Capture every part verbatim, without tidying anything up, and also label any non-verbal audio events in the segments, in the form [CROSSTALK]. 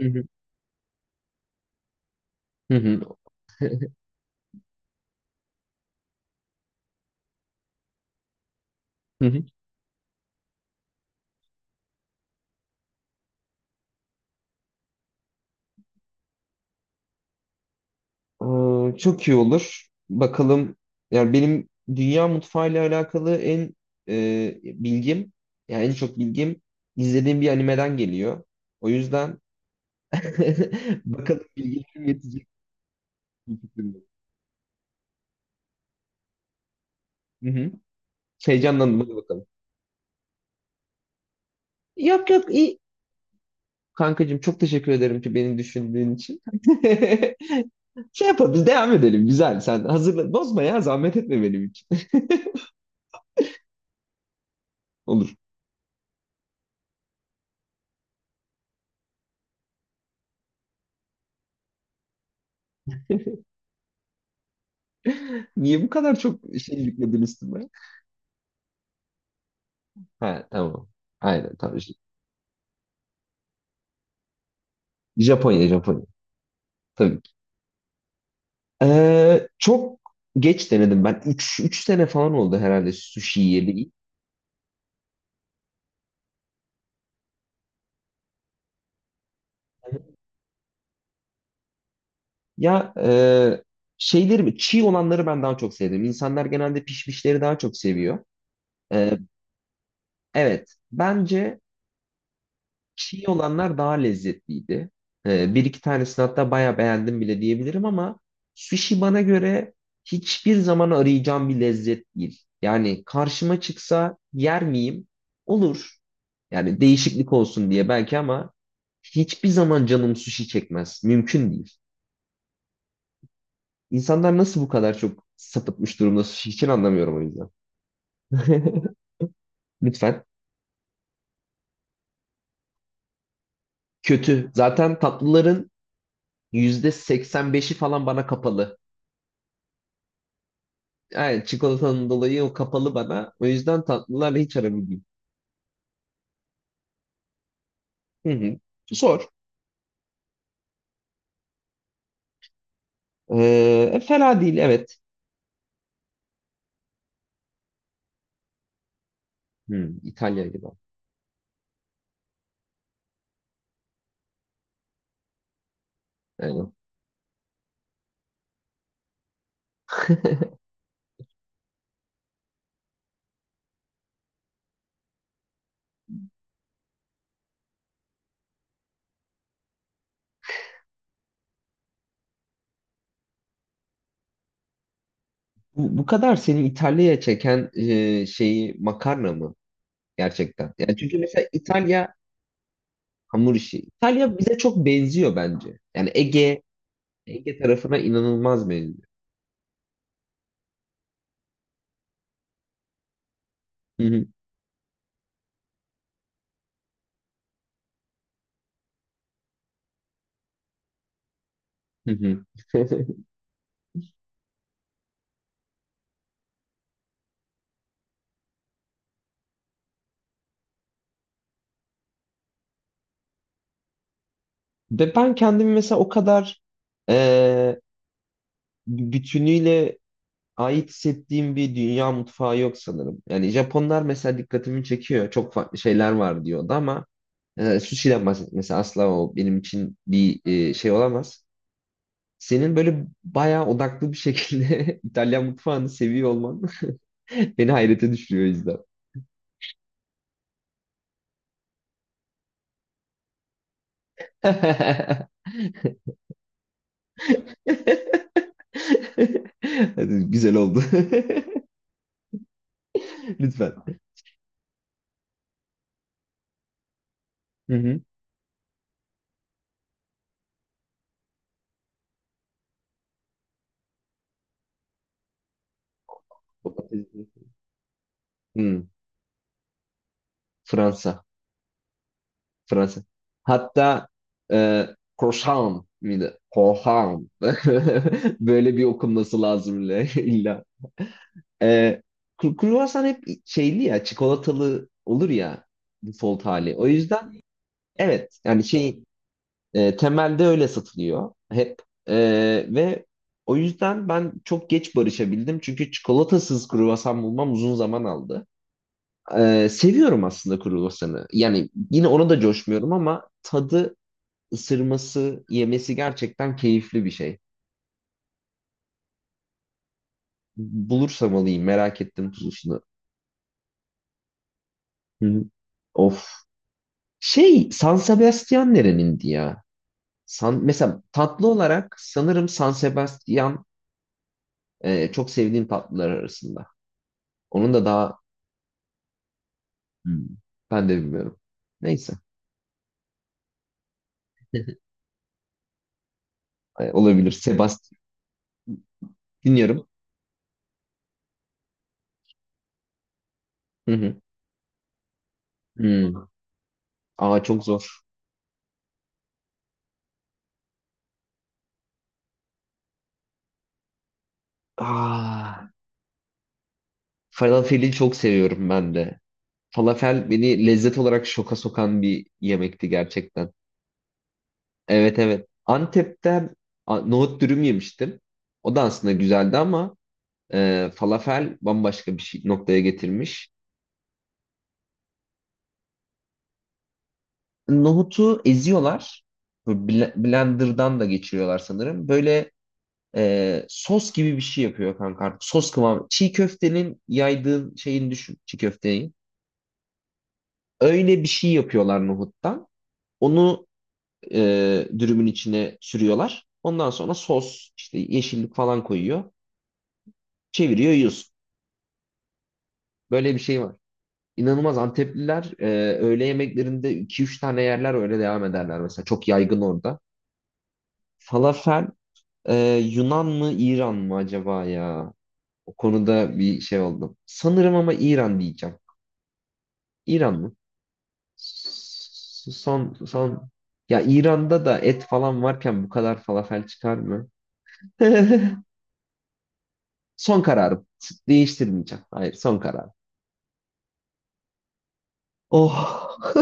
Hı hı. Hı hı. Hı hı. Ee, çok iyi olur. Bakalım. Yani benim dünya mutfağıyla alakalı en e, bilgim, yani en çok bilgim izlediğim bir animeden geliyor. O yüzden [LAUGHS] bakalım bilgilerim yetecek mi? Hı hı. Heyecanlandım, hadi bakalım. Yok yok, iyi. Kankacığım çok teşekkür ederim ki beni düşündüğün için. [LAUGHS] Şey yapalım, biz devam edelim, güzel. Sen hazırla, bozma ya, zahmet etme benim için. [LAUGHS] Olur. Niye bu kadar çok şey yükledin üstüme? Ha, tamam. Aynen, tabii. Japonya, Japonya. Tabii ki. Ee, çok geç denedim ben. Üç üç sene falan oldu herhalde sushi yediği. Ya, e, şeyleri çiğ olanları ben daha çok sevdim. İnsanlar genelde pişmişleri daha çok seviyor. Ee, evet. Bence çiğ olanlar daha lezzetliydi. Ee, bir iki tanesini hatta bayağı beğendim bile diyebilirim ama sushi bana göre hiçbir zaman arayacağım bir lezzet değil. Yani karşıma çıksa yer miyim? Olur. Yani değişiklik olsun diye belki ama hiçbir zaman canım sushi çekmez. Mümkün değil. İnsanlar nasıl bu kadar çok sapıtmış durumda sushi için anlamıyorum o yüzden. [LAUGHS] Lütfen. Kötü. Zaten tatlıların yüzde seksen beşi falan bana kapalı. Yani çikolatanın dolayı o kapalı bana. O yüzden tatlılarla hiç aram değil. Hı hı. Zor. Ee, e, fena değil, evet. Hı, İtalya gibi. Aynen. Bu, bu kadar seni İtalya'ya çeken e, şeyi makarna mı gerçekten? Yani çünkü mesela İtalya hamur işi. İtalya bize çok benziyor bence. Yani Ege Ege tarafına inanılmaz benziyor. Hı hı, hı hı. [LAUGHS] Ve ben kendimi mesela o kadar e, bütünüyle ait hissettiğim bir dünya mutfağı yok sanırım. Yani Japonlar mesela dikkatimi çekiyor. Çok farklı şeyler var diyordu ama e, sushi'den bahsetmesi asla o benim için bir e, şey olamaz. Senin böyle bayağı odaklı bir şekilde [LAUGHS] İtalyan mutfağını seviyor olman [LAUGHS] beni hayrete düşürüyor o yüzden. [LAUGHS] Hadi, güzel oldu. [LAUGHS] Lütfen. Hı hı. Hı, Fransa. Fransa. Hatta e, Korsan mıydı? Korhan. [LAUGHS] Böyle bir okunması lazım illa. [LAUGHS] illa. E, kru- Kruvasan hep şeyli ya, çikolatalı olur ya default hali. O yüzden evet, yani şey, e, temelde öyle satılıyor hep. E, Ve o yüzden ben çok geç barışabildim. Çünkü çikolatasız kruvasan bulmam uzun zaman aldı. E, seviyorum aslında kruvasanı. Yani yine ona da coşmuyorum ama tadı ısırması, yemesi gerçekten keyifli bir şey. Bulursam alayım, merak ettim tuzlusunu. Hı hı. Of. Şey, San Sebastian nerenindi ya? San, mesela tatlı olarak sanırım San Sebastian e, çok sevdiğim tatlılar arasında. Onun da daha. Hmm. Ben de bilmiyorum. Neyse, e, olabilir. Sebastian, dinliyorum. Hı hı. Hmm. Aa, çok zor. Aa, falafeli çok seviyorum ben de. Falafel beni lezzet olarak şoka sokan bir yemekti gerçekten. Evet, evet. Antep'te a- nohut dürüm yemiştim. O da aslında güzeldi ama e, falafel bambaşka bir şey, noktaya getirmiş. Nohutu eziyorlar. Bu bl- Blender'dan da geçiriyorlar sanırım. Böyle e, sos gibi bir şey yapıyor kanka artık. Sos kıvamı. Çiğ köftenin yaydığın şeyini düşün. Çiğ köfteyi. Öyle bir şey yapıyorlar nohuttan. Onu e, dürümün içine sürüyorlar. Ondan sonra sos, işte yeşillik falan koyuyor. Çeviriyor yiyorsun. Böyle bir şey var. İnanılmaz Antepliler e, öğle yemeklerinde iki üç tane yerler öyle devam ederler mesela. Çok yaygın orada. Falafel e, Yunan mı İran mı acaba ya? O konuda bir şey oldum. Sanırım ama İran diyeceğim. İran mı? S- Son son ya İran'da da et falan varken bu kadar falafel çıkar mı? [LAUGHS] Son kararım. Değiştirmeyeceğim. Hayır, son kararım. Oh.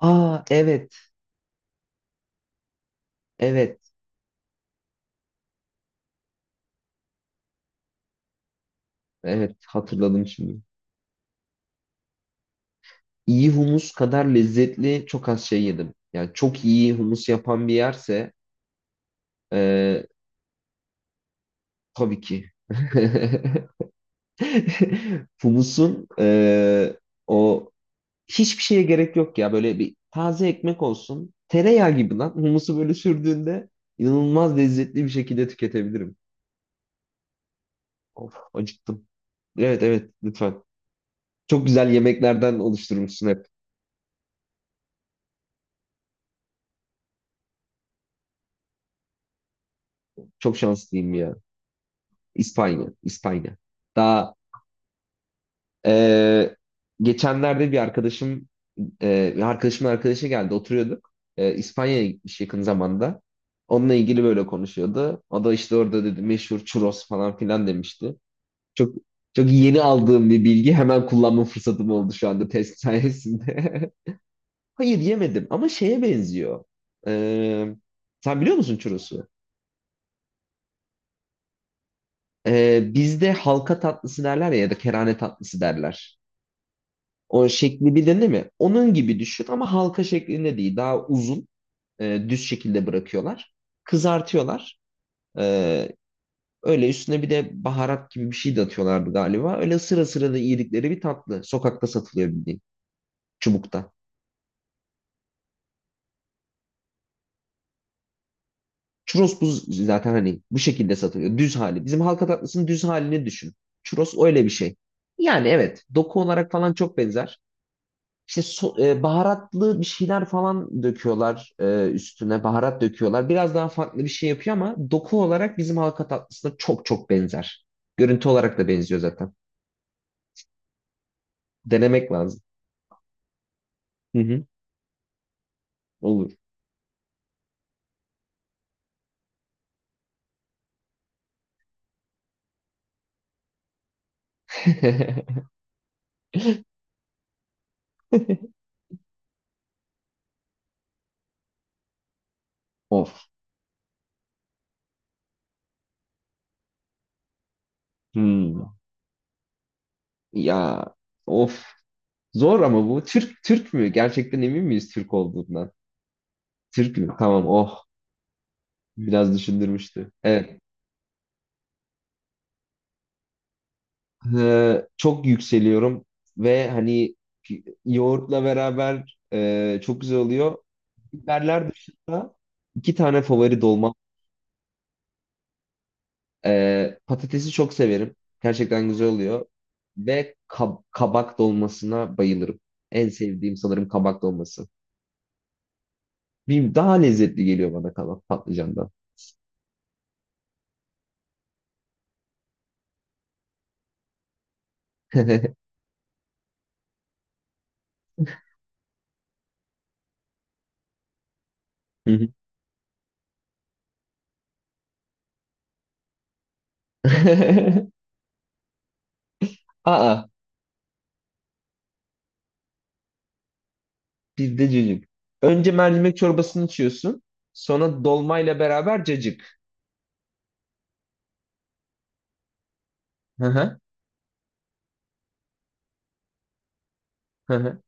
Aa, evet. Evet. Evet. Hatırladım şimdi. İyi humus kadar lezzetli çok az şey yedim. Yani çok iyi humus yapan bir yerse e, tabii ki. [LAUGHS] Humusun e, o hiçbir şeye gerek yok ya. Böyle bir taze ekmek olsun. Tereyağı gibi lan. Humusu böyle sürdüğünde inanılmaz lezzetli bir şekilde tüketebilirim. Of, acıktım. Evet, evet, lütfen. Çok güzel yemeklerden oluşturmuşsun hep. Çok şanslıyım ya. İspanya, İspanya. Daha e, geçenlerde bir arkadaşım, e, bir arkadaşımın arkadaşı geldi, oturuyorduk. E, İspanya'ya gitmiş yakın zamanda. Onunla ilgili böyle konuşuyordu. O da işte orada dedi meşhur churros falan filan demişti. Çok çok yeni aldığım bir bilgi, hemen kullanma fırsatım oldu şu anda test sayesinde. [LAUGHS] Hayır, yemedim ama şeye benziyor. E, Sen biliyor musun churros'u? Ee, bizde halka tatlısı derler ya ya da kerane tatlısı derler. O şekli bilin değil mi? Onun gibi düşün ama halka şeklinde değil. Daha uzun, e, düz şekilde bırakıyorlar. Kızartıyorlar. Ee, Öyle üstüne bir de baharat gibi bir şey de atıyorlardı galiba. Öyle sıra sıra da yedikleri bir tatlı. Sokakta satılıyor, bildiğin. Çubukta. Churros bu zaten hani bu şekilde satılıyor. Düz hali. Bizim halka tatlısının düz halini düşün. Churros öyle bir şey. Yani evet, doku olarak falan çok benzer. İşte so- e, baharatlı bir şeyler falan döküyorlar e, üstüne. Baharat döküyorlar. Biraz daha farklı bir şey yapıyor ama doku olarak bizim halka tatlısına çok çok benzer. Görüntü olarak da benziyor zaten. Denemek lazım. Hı hı. Olur. [LAUGHS] Of. Hmm. Ya. Of. Zor ama bu. Türk Türk mü? Gerçekten emin miyiz Türk olduğundan? Türk mü? Tamam. Oh. Biraz düşündürmüştü. Evet. Ee, çok yükseliyorum ve hani yoğurtla beraber e, çok güzel oluyor. Biberler dışında iki tane favori dolma. Ee, patatesi çok severim. Gerçekten güzel oluyor. Ve kab- kabak dolmasına bayılırım. En sevdiğim sanırım kabak dolması. Bir daha lezzetli geliyor bana kabak patlıcandan. [LAUGHS] Hı hı. [LAUGHS] Aa, bizde cacık. Önce mercimek çorbasını içiyorsun. Sonra dolmayla beraber cacık. Hı hı. Hı hı.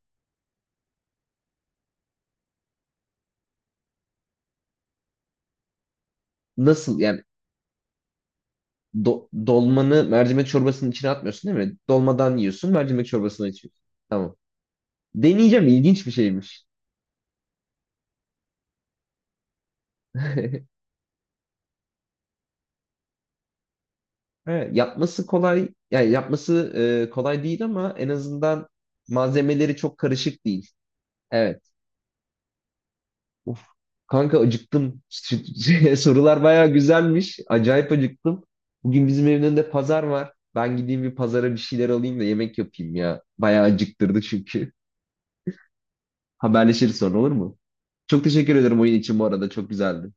Nasıl yani, do- dolmanı mercimek çorbasının içine atmıyorsun değil mi? Dolmadan yiyorsun, mercimek çorbasına içiyorsun. Tamam. Deneyeceğim, ilginç bir şeymiş. [LAUGHS] Evet, yapması kolay, yani yapması e, kolay değil ama en azından malzemeleri çok karışık değil. Evet. Of. Kanka acıktım. [LAUGHS] Sorular bayağı güzelmiş. Acayip acıktım. Bugün bizim evin önünde pazar var. Ben gideyim bir pazara bir şeyler alayım da yemek yapayım ya. Bayağı acıktırdı çünkü. Haberleşiriz sonra, olur mu? Çok teşekkür ederim oyun için bu arada. Çok güzeldi.